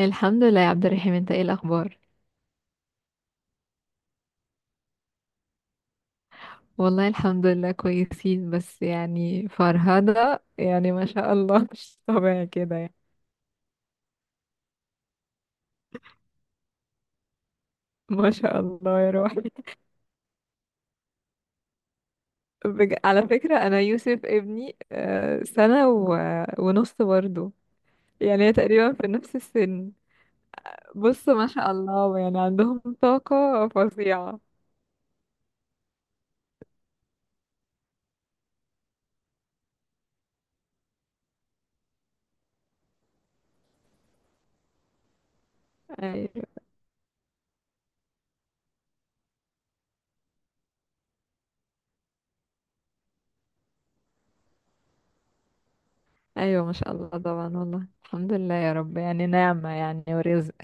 الحمد لله يا عبد الرحيم، انت ايه الاخبار؟ والله الحمد لله كويسين، بس يعني فرهدة، يعني ما شاء الله. مش طبيعي كده يعني. ما شاء الله يا روحي. على فكرة انا يوسف ابني، سنة ونص برضه. يعني تقريبا في نفس السن. بص ما شاء الله، يعني عندهم طاقة فظيعة. ايوه. ايوه ما شاء الله طبعا، والله الحمد لله يا رب، يعني نعمة يعني ورزق.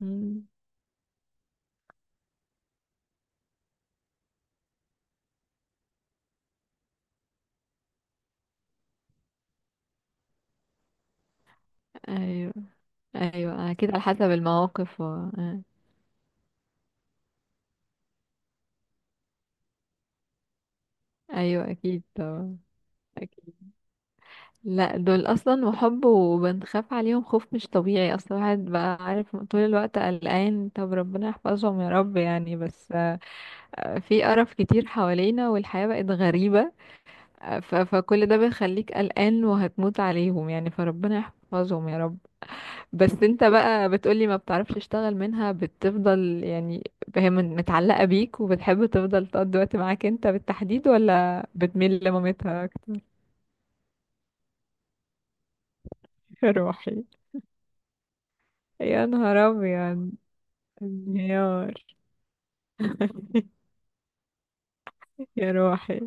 مم. ايوه ايوه اكيد، على حسب المواقف و... آه. ايوه اكيد طبعا. اكيد. لا، دول اصلا وحب، وبنخاف عليهم خوف مش طبيعي اصلا، الواحد بقى عارف طول الوقت قلقان. طب ربنا يحفظهم يا رب، يعني بس. في قرف كتير حوالينا، والحياة بقت غريبة. فكل ده بيخليك قلقان، وهتموت عليهم يعني، فربنا يحفظهم يا رب. بس انت بقى بتقولي ما بتعرفش تشتغل منها، بتفضل يعني. هي متعلقة بيك، وبتحب تفضل تقضي وقت معاك انت بالتحديد، ولا بتميل لمامتها اكتر؟ يا روحي. يا نهار ابيض. انهيار. يا روحي.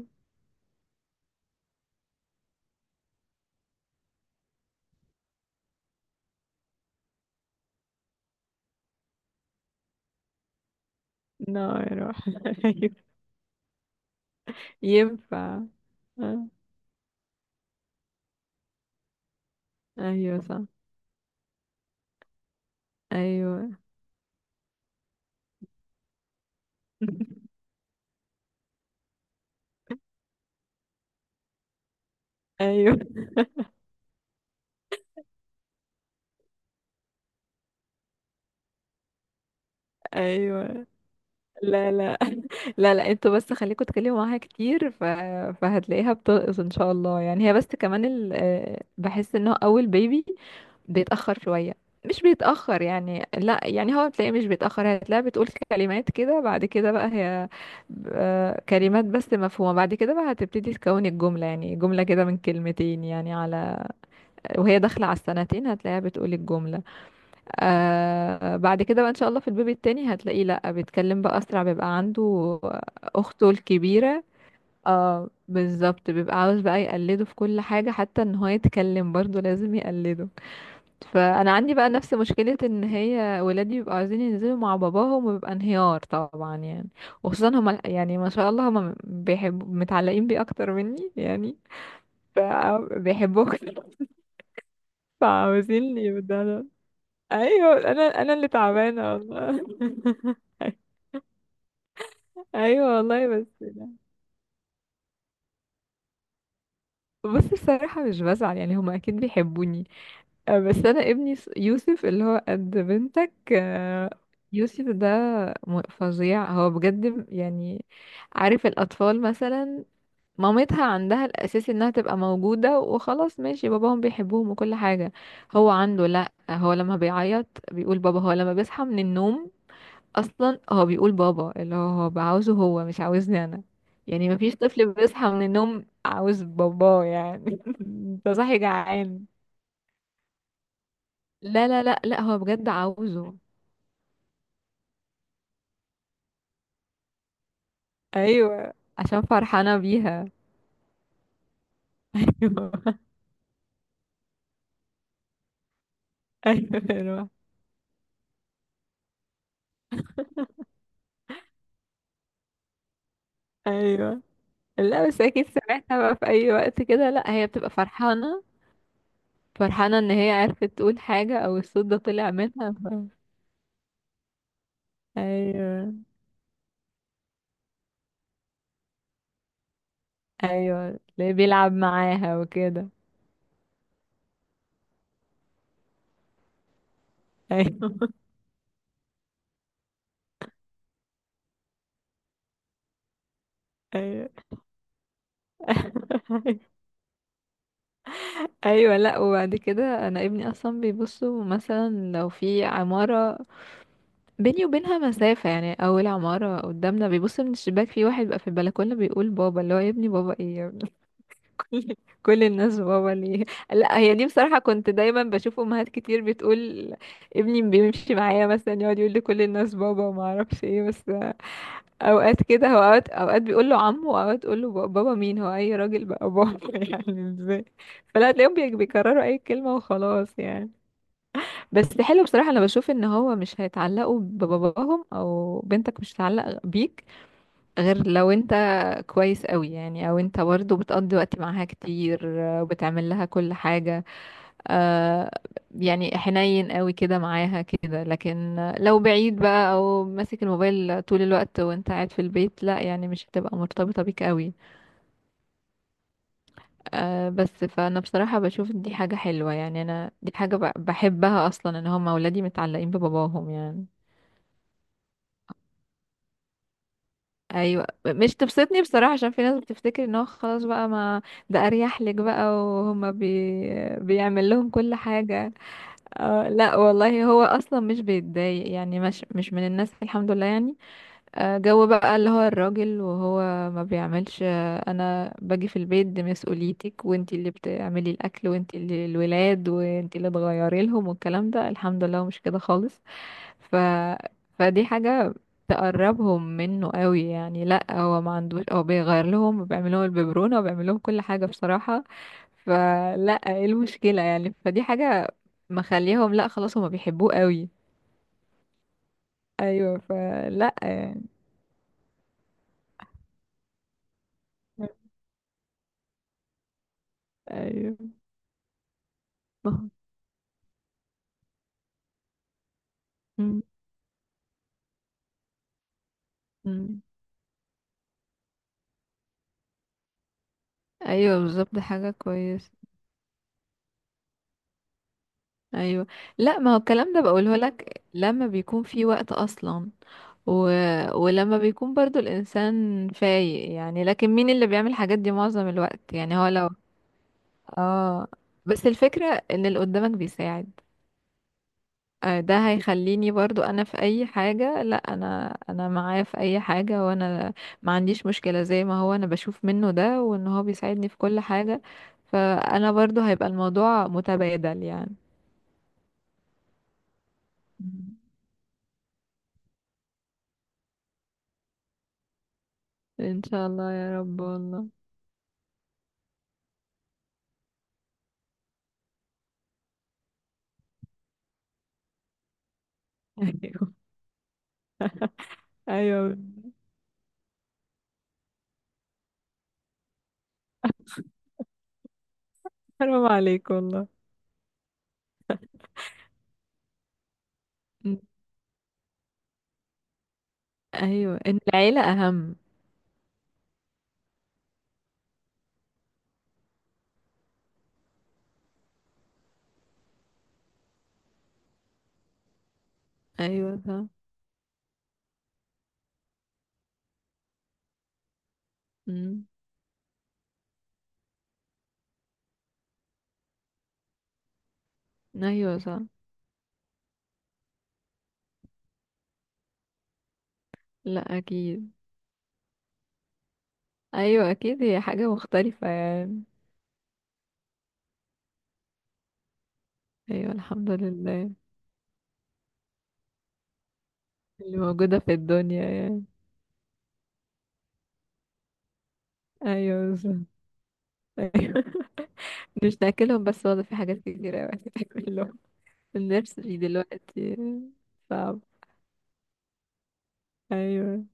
نار يا روحي. ايوه. ينفع. اه، ايوه صح. ايوه. ايوه ايوه. لا لا. لا لا، انتوا بس خليكوا تتكلموا معاها كتير فهتلاقيها بترقص ان شاء الله. يعني هي بس كمان ال... آه، بحس ان هو اول بيبي بيتأخر شوية. مش بيتأخر يعني، لا يعني هو بتلاقيه مش بيتأخر. هتلاقيها بتقول كلمات كده، بعد كده بقى هي كلمات بس مفهومة. بعد كده بقى هتبتدي تكون الجملة، يعني جملة كده من كلمتين يعني، على وهي داخلة على السنتين هتلاقيها بتقول الجملة. بعد كده بقى ان شاء الله في البيبي التاني هتلاقيه لا بيتكلم بقى اسرع، بيبقى عنده اخته الكبيره. اه بالظبط، بيبقى عاوز بقى يقلده في كل حاجه، حتى ان هو يتكلم برضه لازم يقلده. فانا عندي بقى نفس مشكله، ان هي ولادي بيبقوا عايزين ينزلوا مع باباهم، وبيبقى انهيار طبعا يعني. وخصوصا هما يعني، ما شاء الله هما بيحبوا متعلقين بيه اكتر مني يعني. فبيحبوه أكتر. فعاوزين يبدأ. ايوه، انا اللي تعبانه والله. ايوه والله، بس لا. بص، بصراحه مش بزعل يعني، هما اكيد بيحبوني. بس انا ابني يوسف اللي هو قد بنتك. يوسف ده فظيع هو بجد يعني. عارف الاطفال مثلا مامتها عندها الاساس انها تبقى موجوده وخلاص، ماشي، باباهم بيحبوهم وكل حاجه. هو عنده لا، هو لما بيعيط بيقول بابا، هو لما بيصحى من النوم اصلا هو بيقول بابا. اللي هو عاوزه، هو مش عاوزني انا. يعني مفيش طفل بيصحى من النوم عاوز باباه يعني. انت صاحي جعان. لا لا لا لا، هو بجد عاوزه. ايوه، عشان فرحانة بيها. ايوه ايوه ايوه ايوه. لا بس اكيد سمعتها بقى في اي وقت كده، لا هي بتبقى فرحانة، فرحانة ان هي عرفت تقول حاجة، او الصوت ده طلع منها ايوه ايوه. تلاقيه بيلعب معاها وكده. ايوه. ايوه. ايوه لا، وبعد كده انا ابني اصلا بيبصوا مثلا لو في عماره بيني وبينها مسافه يعني، اول عماره قدامنا بيبص من الشباك في واحد بقى في البلكونه بيقول بابا، اللي هو يا ابني بابا ايه يا ابني. كل الناس بابا ليه؟ لا هي دي بصراحه، كنت دايما بشوف امهات كتير بتقول ابني بيمشي معايا مثلا يقعد يقول لكل الناس بابا، وما اعرفش ايه. بس اوقات كده هو اوقات بيقول له عمه، واوقات تقول له بابا مين، هو اي راجل بقى بابا. يعني ازاي؟ فلا تلاقيهم بيكرروا اي كلمة وخلاص يعني. بس حلو بصراحة، انا بشوف ان هو مش هيتعلقوا بباباهم، او بنتك مش هتتعلق بيك غير لو انت كويس قوي يعني، او انت برضه بتقضي وقت معاها كتير، وبتعمل لها كل حاجة. آه يعني حنين قوي كده معاها كده، لكن لو بعيد بقى، او ماسك الموبايل طول الوقت وانت قاعد في البيت، لا يعني مش هتبقى مرتبطة بيك قوي. بس فانا بصراحة بشوف دي حاجة حلوة يعني، انا دي حاجة بحبها اصلا، ان هم اولادي متعلقين بباباهم يعني. ايوه، مش تبسطني بصراحه، عشان في ناس بتفتكر ان هو خلاص بقى، ما ده اريح لك بقى، وهم بيعمل لهم كل حاجه. لا والله، هو اصلا مش بيتضايق يعني، مش من الناس، الحمد لله يعني. جو بقى اللي هو الراجل، وهو ما بيعملش، انا باجي في البيت دي مسؤوليتك، وانتي اللي بتعملي الاكل، وانتي اللي الولاد، وانتي اللي تغيري لهم، والكلام ده الحمد لله هو مش كده خالص. ف فدي حاجة تقربهم منه قوي يعني. لا هو ما عندوش، هو بيغير لهم، وبيعمل لهم الببرونة، وبيعمل لهم كل حاجة بصراحة. فلا ايه المشكلة يعني؟ فدي حاجة مخليهم، لا خلاص هما بيحبوه قوي. ايوه، فلا يعني. ايوه ما هو- مم. مم. ايوه بالظبط، ده حاجه كويسه. ايوه لا، ما هو الكلام ده بقوله لك لما بيكون في وقت اصلا، و... ولما بيكون برضو الانسان فايق يعني، لكن مين اللي بيعمل الحاجات دي معظم الوقت؟ يعني هو لو. اه، بس الفكره ان اللي قدامك بيساعد. ده هيخليني برضو انا في اي حاجة، لا انا معاه في اي حاجة، وانا ما عنديش مشكلة زي ما هو، انا بشوف منه ده، وان هو بيساعدني في كل حاجة. فانا برضو هيبقى الموضوع متبادل يعني. مم. ان شاء الله يا رب والله. ايوه ايوه. حرام عليك والله. م. ايوه، ان العيلة اهم. ايوه صح. م. ايوه صح. لا اكيد. ايوه اكيد، هي حاجة مختلفة يعني. ايوه الحمد لله. اللي موجودة في الدنيا يعني. أيوة بالظبط. أيوة. مش ناكلهم بس والله، في حاجات كتير أوي تاكلهم. النيرسري دلوقتي صعب. أيوة.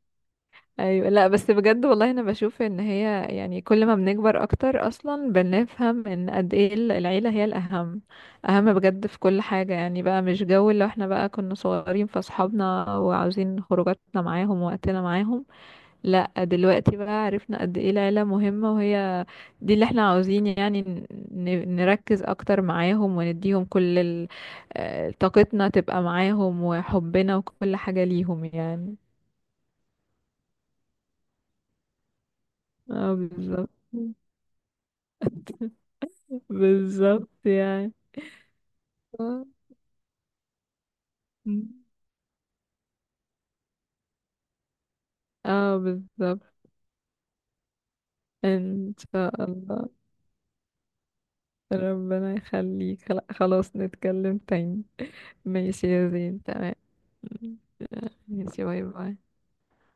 أيوة لا، بس بجد والله أنا بشوف إن هي يعني، كل ما بنكبر أكتر أصلا بنفهم إن قد إيه العيلة هي الأهم، أهم بجد في كل حاجة يعني. بقى مش جو اللي احنا بقى كنا صغيرين فأصحابنا، وعاوزين خروجاتنا معاهم ووقتنا معاهم. لا دلوقتي بقى عرفنا قد ايه العيلة مهمة، وهي دي اللي احنا عاوزين يعني نركز اكتر معاهم، ونديهم كل طاقتنا تبقى معاهم، وحبنا وكل حاجة ليهم يعني. اه بالظبط. بالظبط يعني. اه. آه، بالظبط. ان شاء الله. ربنا يخليك، لا خلاص نتكلم تاني. ماشي يا زين، تمام. ماشي، باي باي.